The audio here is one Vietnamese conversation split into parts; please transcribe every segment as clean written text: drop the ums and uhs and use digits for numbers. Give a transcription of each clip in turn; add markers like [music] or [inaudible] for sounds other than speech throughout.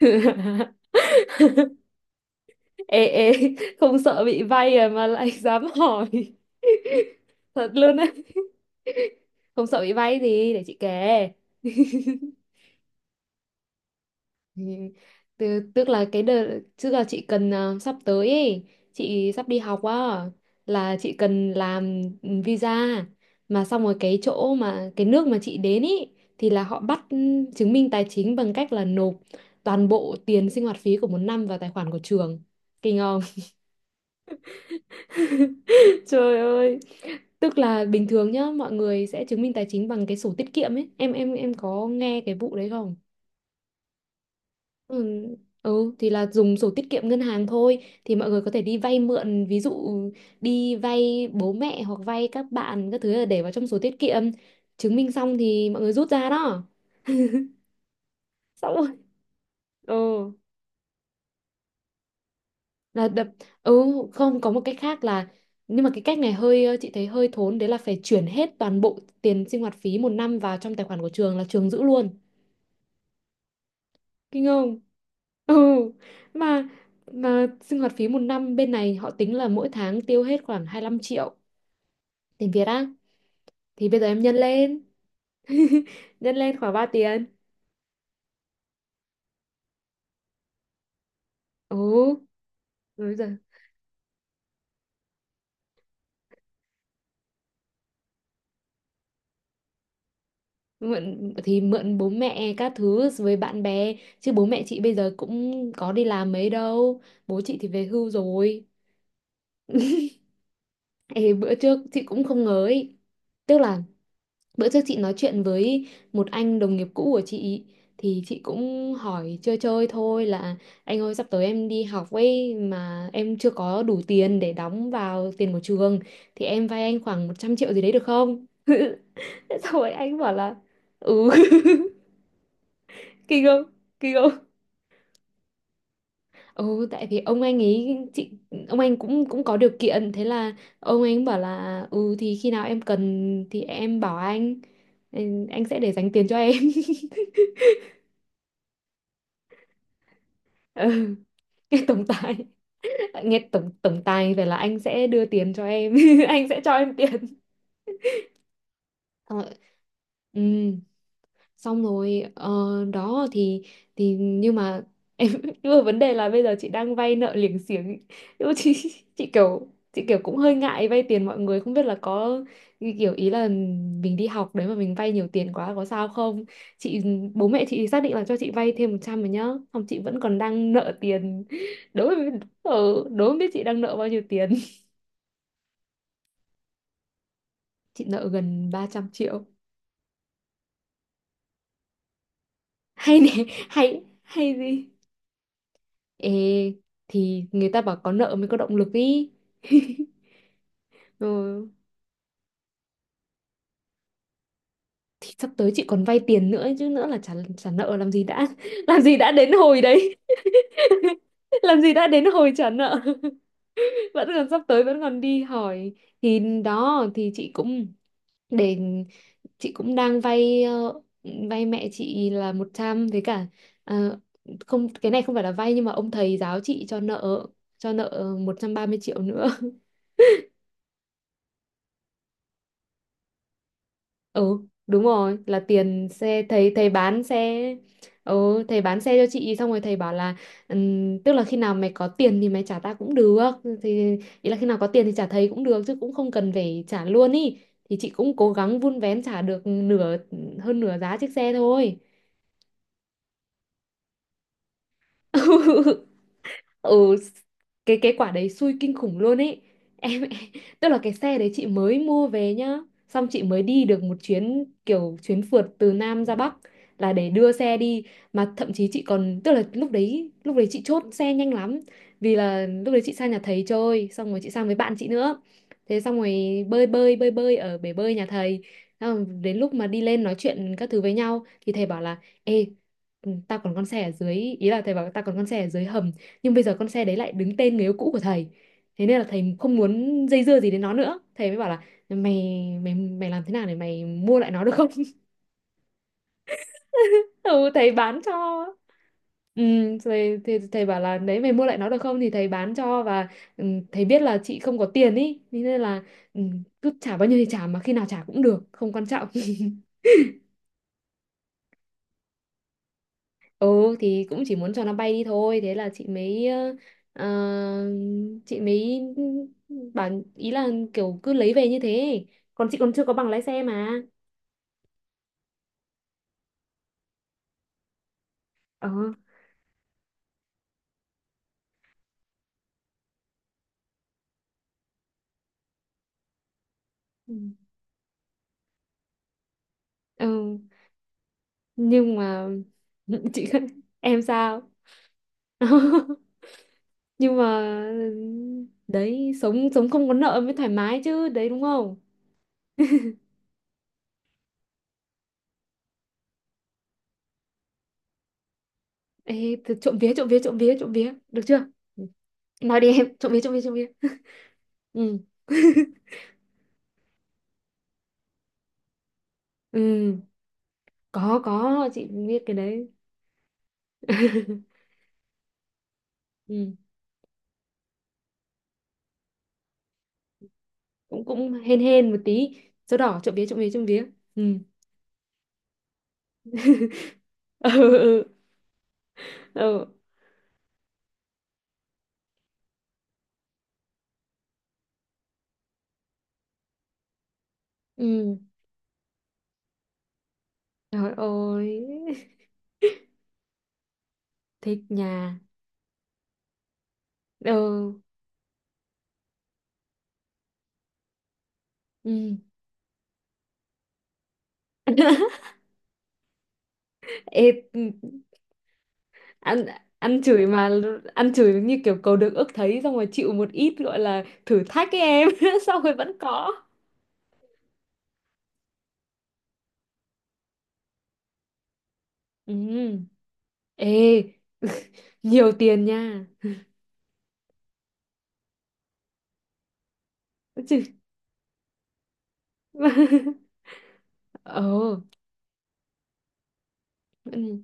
[laughs] Ê, ê, không sợ bị vay à mà lại dám hỏi? [laughs] Thật luôn đấy, không sợ bị vay gì để chị kể? [laughs] Thì- Tức tức là cái đợt, tức là chị cần sắp tới ấy, chị sắp đi học á, là chị cần làm visa. Mà xong rồi cái chỗ mà cái nước mà chị đến ấy thì là họ bắt chứng minh tài chính, bằng cách là nộp toàn bộ tiền sinh hoạt phí của một năm vào tài khoản của trường. Kinh không? [laughs] Trời ơi. Tức là bình thường nhá, mọi người sẽ chứng minh tài chính bằng cái sổ tiết kiệm ấy. Em có nghe cái vụ đấy không? Ừ, ừ thì là dùng sổ tiết kiệm ngân hàng thôi, thì mọi người có thể đi vay mượn, ví dụ đi vay bố mẹ hoặc vay các bạn các thứ là để vào trong sổ tiết kiệm, chứng minh xong thì mọi người rút ra đó, xong rồi. Ừ, là đập. Ừ, không, có một cách khác là, nhưng mà cái cách này hơi chị thấy hơi thốn đấy, là phải chuyển hết toàn bộ tiền sinh hoạt phí một năm vào trong tài khoản của trường, là trường giữ luôn. Kinh không? Ừ. mà mà sinh hoạt phí một năm bên này họ tính là mỗi tháng tiêu hết khoảng 25 triệu tiền Việt á, thì bây giờ em nhân lên, [laughs] nhân lên khoảng 3 tiền. Ừ, rồi giờ mượn thì mượn bố mẹ các thứ với bạn bè, chứ bố mẹ chị bây giờ cũng có đi làm mấy đâu, bố chị thì về hưu rồi. Ê, bữa trước chị cũng không ngờ ấy, tức là bữa trước chị nói chuyện với một anh đồng nghiệp cũ của chị, thì chị cũng hỏi chơi chơi thôi là, anh ơi sắp tới em đi học ấy, mà em chưa có đủ tiền để đóng vào tiền của trường, thì em vay anh khoảng 100 triệu gì đấy được không? [laughs] Thế xong rồi anh bảo là ừ. [laughs] Kinh không? Kinh không? Ừ, tại vì ông anh ấy chị, ông anh cũng, cũng có điều kiện, thế là ông anh bảo là ừ thì khi nào em cần thì em bảo anh, anh sẽ để dành tiền cho em. [laughs] Ừ. Nghe tổng tài. [laughs] Nghe tổng tổng tài, vậy là anh sẽ đưa tiền cho em, [laughs] anh sẽ cho em tiền. Xong rồi, ừ, xong rồi, đó thì nhưng mà em [laughs] nhưng mà vấn đề là bây giờ chị đang vay nợ liềng xiềng, nhưng mà chị, [laughs] chị kiểu, chị kiểu cũng hơi ngại vay tiền mọi người, không biết là có, kiểu ý là mình đi học đấy mà mình vay nhiều tiền quá có sao không. Chị, bố mẹ chị xác định là cho chị vay thêm 100 rồi nhá, xong chị vẫn còn đang nợ tiền. [laughs] Đố mà biết chị đang nợ bao nhiêu tiền. [laughs] Chị nợ gần 300 triệu. Hay nè. Hay hay gì. Ê, thì người ta bảo có nợ mới có động lực ý. [laughs] Ừ. Thì sắp tới chị còn vay tiền nữa chứ, nữa là trả, trả nợ làm gì đã, [laughs] làm gì đã đến hồi đấy. [laughs] Làm gì đã đến hồi trả nợ. [laughs] Vẫn còn, sắp tới vẫn còn đi hỏi. Thì đó, thì chị cũng, để chị cũng đang vay vay mẹ chị là 100, với cả ờ, không, cái này không phải là vay, nhưng mà ông thầy giáo chị cho nợ, cho nợ 130 triệu nữa. [laughs] Ừ, đúng rồi, là tiền xe, thầy, thầy bán xe. Ừ, thầy bán xe cho chị, xong rồi thầy bảo là, tức là khi nào mày có tiền thì mày trả ta cũng được", thì ý là khi nào có tiền thì trả thầy cũng được, chứ cũng không cần phải trả luôn ý. Thì chị cũng cố gắng vun vén trả được nửa, hơn nửa giá chiếc xe thôi. [laughs] Ừ. Cái quả đấy xui kinh khủng luôn ấy em. [laughs] Tức là cái xe đấy chị mới mua về nhá, xong chị mới đi được một chuyến, kiểu chuyến phượt từ Nam ra Bắc, là để đưa xe đi. Mà thậm chí chị còn, tức là lúc đấy, lúc đấy chị chốt xe nhanh lắm, vì là lúc đấy chị sang nhà thầy chơi, xong rồi chị sang với bạn chị nữa. Thế xong rồi bơi bơi bơi bơi ở bể bơi nhà thầy. Xong rồi đến lúc mà đi lên nói chuyện các thứ với nhau, thì thầy bảo là, ê, ừ, tao còn con xe ở dưới, ý là thầy bảo tao còn con xe ở dưới hầm, nhưng bây giờ con xe đấy lại đứng tên người yêu cũ của thầy, thế nên là thầy không muốn dây dưa gì đến nó nữa, thầy mới bảo là mày mày mày làm thế nào để mày mua lại nó được không. [laughs] Ừ, thầy bán cho. Ừ, thầy bảo là đấy mày mua lại nó được không thì thầy bán cho, và ừ, thầy biết là chị không có tiền ý, thế nên là ừ, cứ trả bao nhiêu thì trả, mà khi nào trả cũng được, không quan trọng. [laughs] Ừ thì cũng chỉ muốn cho nó bay đi thôi. Thế là chị mới ờ, chị mới bảo, ý là kiểu cứ lấy về như thế. Còn chị còn chưa có bằng lái xe mà. Ờ. Ừ. Ừ. Nhưng mà, [laughs] chị, em sao. [laughs] Nhưng mà, đấy sống, sống không có nợ mới thoải mái chứ. Đấy đúng không? Ê, thì trộm vía, trộm vía, trộm vía, trộm vía, được chưa? Ừ. Nói đi em, trộm vía, trộm vía, trộm vía. Ừ. Ừ, có chị biết cái đấy. [laughs] Ừ. Cũng, cũng hên hên một tí. Dấu đỏ, trộm vía, trộm vía, trộm vía. Ừ. [laughs] Ừ, ừ. Ừ. Ừ. Trời ơi. Thích nhà. Ừ. Ừ. [laughs] Ê, ừ, ăn, ăn chửi mà. Ăn chửi như kiểu cầu được ước thấy, xong rồi chịu một ít gọi là thử thách ấy em, [laughs] xong rồi vẫn có. Ừ. Ê, nhiều tiền nha. Chứ. [laughs] Ờ. Ừ.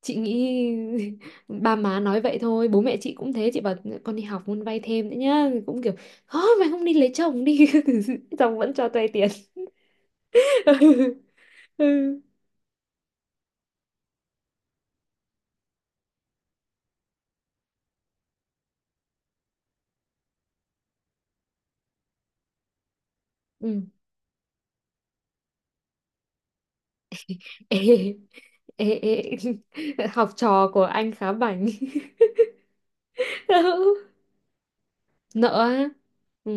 Chị nghĩ [laughs] ba má nói vậy thôi, bố mẹ chị cũng thế, chị bảo con đi học muốn vay thêm nữa nhá, cũng kiểu thôi mày không đi lấy chồng đi, [laughs] chồng vẫn cho vay tiền. [laughs] Ừ. Ừ. Ê, ê, ê. [laughs] Học trò của anh khá bảnh. [laughs] Ừ. Nợ á. Ừ.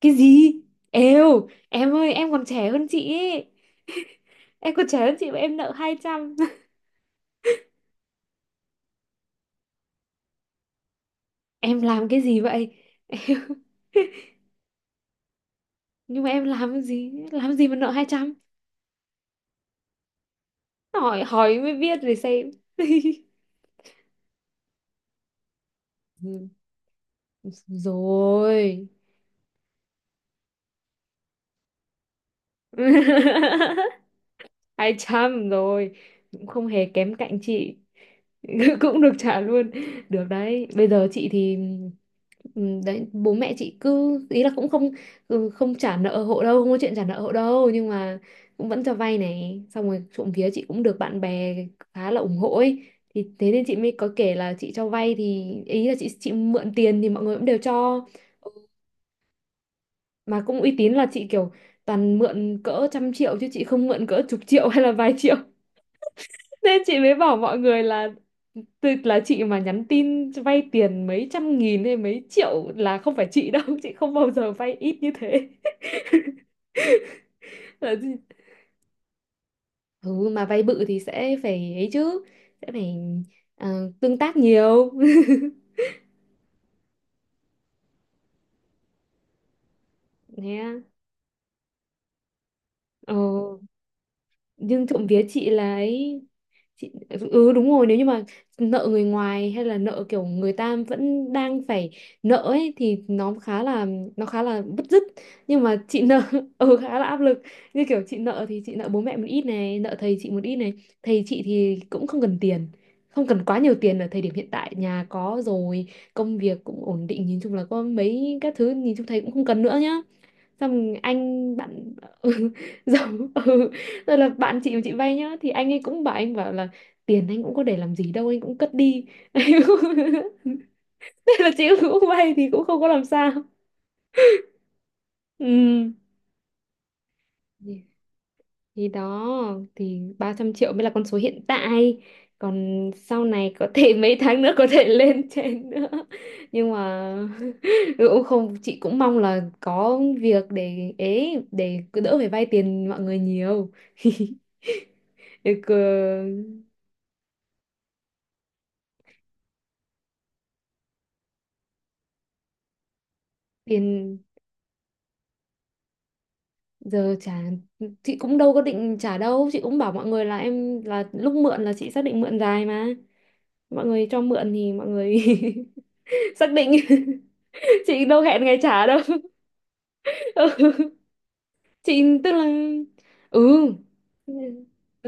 Cái gì? Êu em ơi, em còn trẻ hơn chị ấy. Em còn trẻ hơn chị mà em nợ 200. [laughs] Em làm cái gì vậy? [laughs] Nhưng mà em làm cái gì, làm gì mà nợ 200? Hỏi, hỏi mới biết rồi xem. [laughs] Ừ, rồi. [laughs] Hai trăm rồi, cũng không hề kém cạnh chị. [laughs] Cũng được trả luôn. Được đấy. Bây giờ chị thì đấy bố mẹ chị cứ ý là cũng không, ừ, không trả nợ hộ đâu, không có chuyện trả nợ hộ đâu, nhưng mà cũng vẫn cho vay này, xong rồi trộm vía chị cũng được bạn bè khá là ủng hộ ấy. Thì thế nên chị mới có kể là chị cho vay, thì ý là chị mượn tiền thì mọi người cũng đều cho. Mà cũng uy tín, là chị kiểu toàn mượn cỡ trăm triệu, chứ chị không mượn cỡ chục triệu [laughs] hay là vài triệu. Nên chị mới bảo mọi người là là chị mà nhắn tin vay tiền mấy trăm nghìn hay mấy triệu là không phải chị đâu, chị không bao giờ vay ít như thế. [laughs] Là gì? Ừ mà vay bự thì sẽ phải ấy chứ, sẽ phải tương tác nhiều. [laughs] Nè. Ờ, nhưng trộm vía chị là ấy. Chị, ừ đúng rồi, nếu như mà nợ người ngoài hay là nợ kiểu người ta vẫn đang phải nợ ấy, thì nó khá là, nó khá là bứt rứt. Nhưng mà chị nợ, [laughs] ừ khá là áp lực, như kiểu chị nợ thì chị nợ bố mẹ một ít này, nợ thầy chị một ít này. Thầy chị thì cũng không cần tiền, không cần quá nhiều tiền ở thời điểm hiện tại, nhà có rồi, công việc cũng ổn định, nhìn chung là có mấy các thứ, nhìn chung thầy cũng không cần nữa nhá. Xong anh bạn, ừ, [laughs] giống. Ừ. Rồi là bạn chị của chị vay nhá, thì anh ấy cũng bảo, anh bảo là tiền anh cũng có để làm gì đâu, anh cũng cất đi. [laughs] Thế là chị cũng vay thì cũng không có làm sao. Ừ. Thì thì đó, thì 300 triệu mới là con số hiện tại, còn sau này có thể [laughs] mấy tháng nữa có thể lên trên nữa, nhưng mà [laughs] cũng không, chị cũng mong là có việc để ấy, để cứ đỡ phải vay tiền mọi người nhiều. [laughs] Được, ờ, tiền giờ trả, chị cũng đâu có định trả đâu, chị cũng bảo mọi người là em, là lúc mượn là chị xác định mượn dài mà, mọi người cho mượn thì mọi người [laughs] xác định, chị đâu hẹn ngày trả đâu. [laughs] Ừ. Chị, tức là ừ,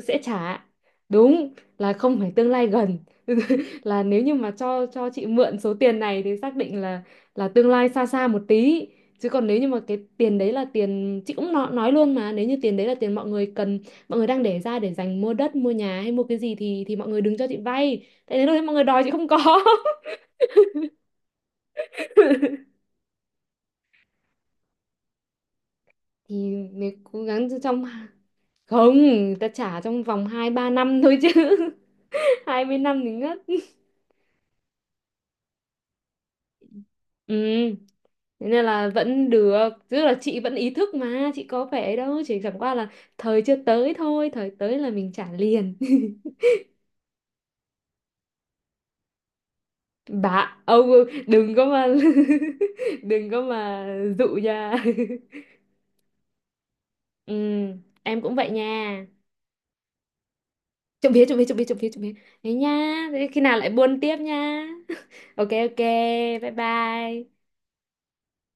sẽ trả, đúng, là không phải tương lai gần, [laughs] là nếu như mà cho chị mượn số tiền này thì xác định là tương lai xa xa một tí. Chứ còn nếu như mà cái tiền đấy là tiền, chị cũng nói luôn mà, nếu như tiền đấy là tiền mọi người cần, mọi người đang để ra để dành mua đất mua nhà hay mua cái gì, thì mọi người đừng cho chị vay, tại đến lúc đấy mọi người đòi chị không có. [laughs] Thì, nếu cố gắng trong, không, ta trả trong vòng 2-3 năm thôi chứ, [laughs] 20 năm thì ngất. Ừ, thế nên là vẫn được, tức là chị vẫn ý thức mà, chị có vẻ đâu, chỉ chẳng qua là thời chưa tới thôi, thời tới là mình trả liền. [laughs] Bà ông đừng có mà, [laughs] đừng có mà dụ nha. [laughs] Ừ, em cũng vậy nha. Trộm vía, trộm vía, trộm vía, trộm vía, trộm vía. Thế nha, thế khi nào lại buôn tiếp nha. [laughs] Ok, ok, bye bye.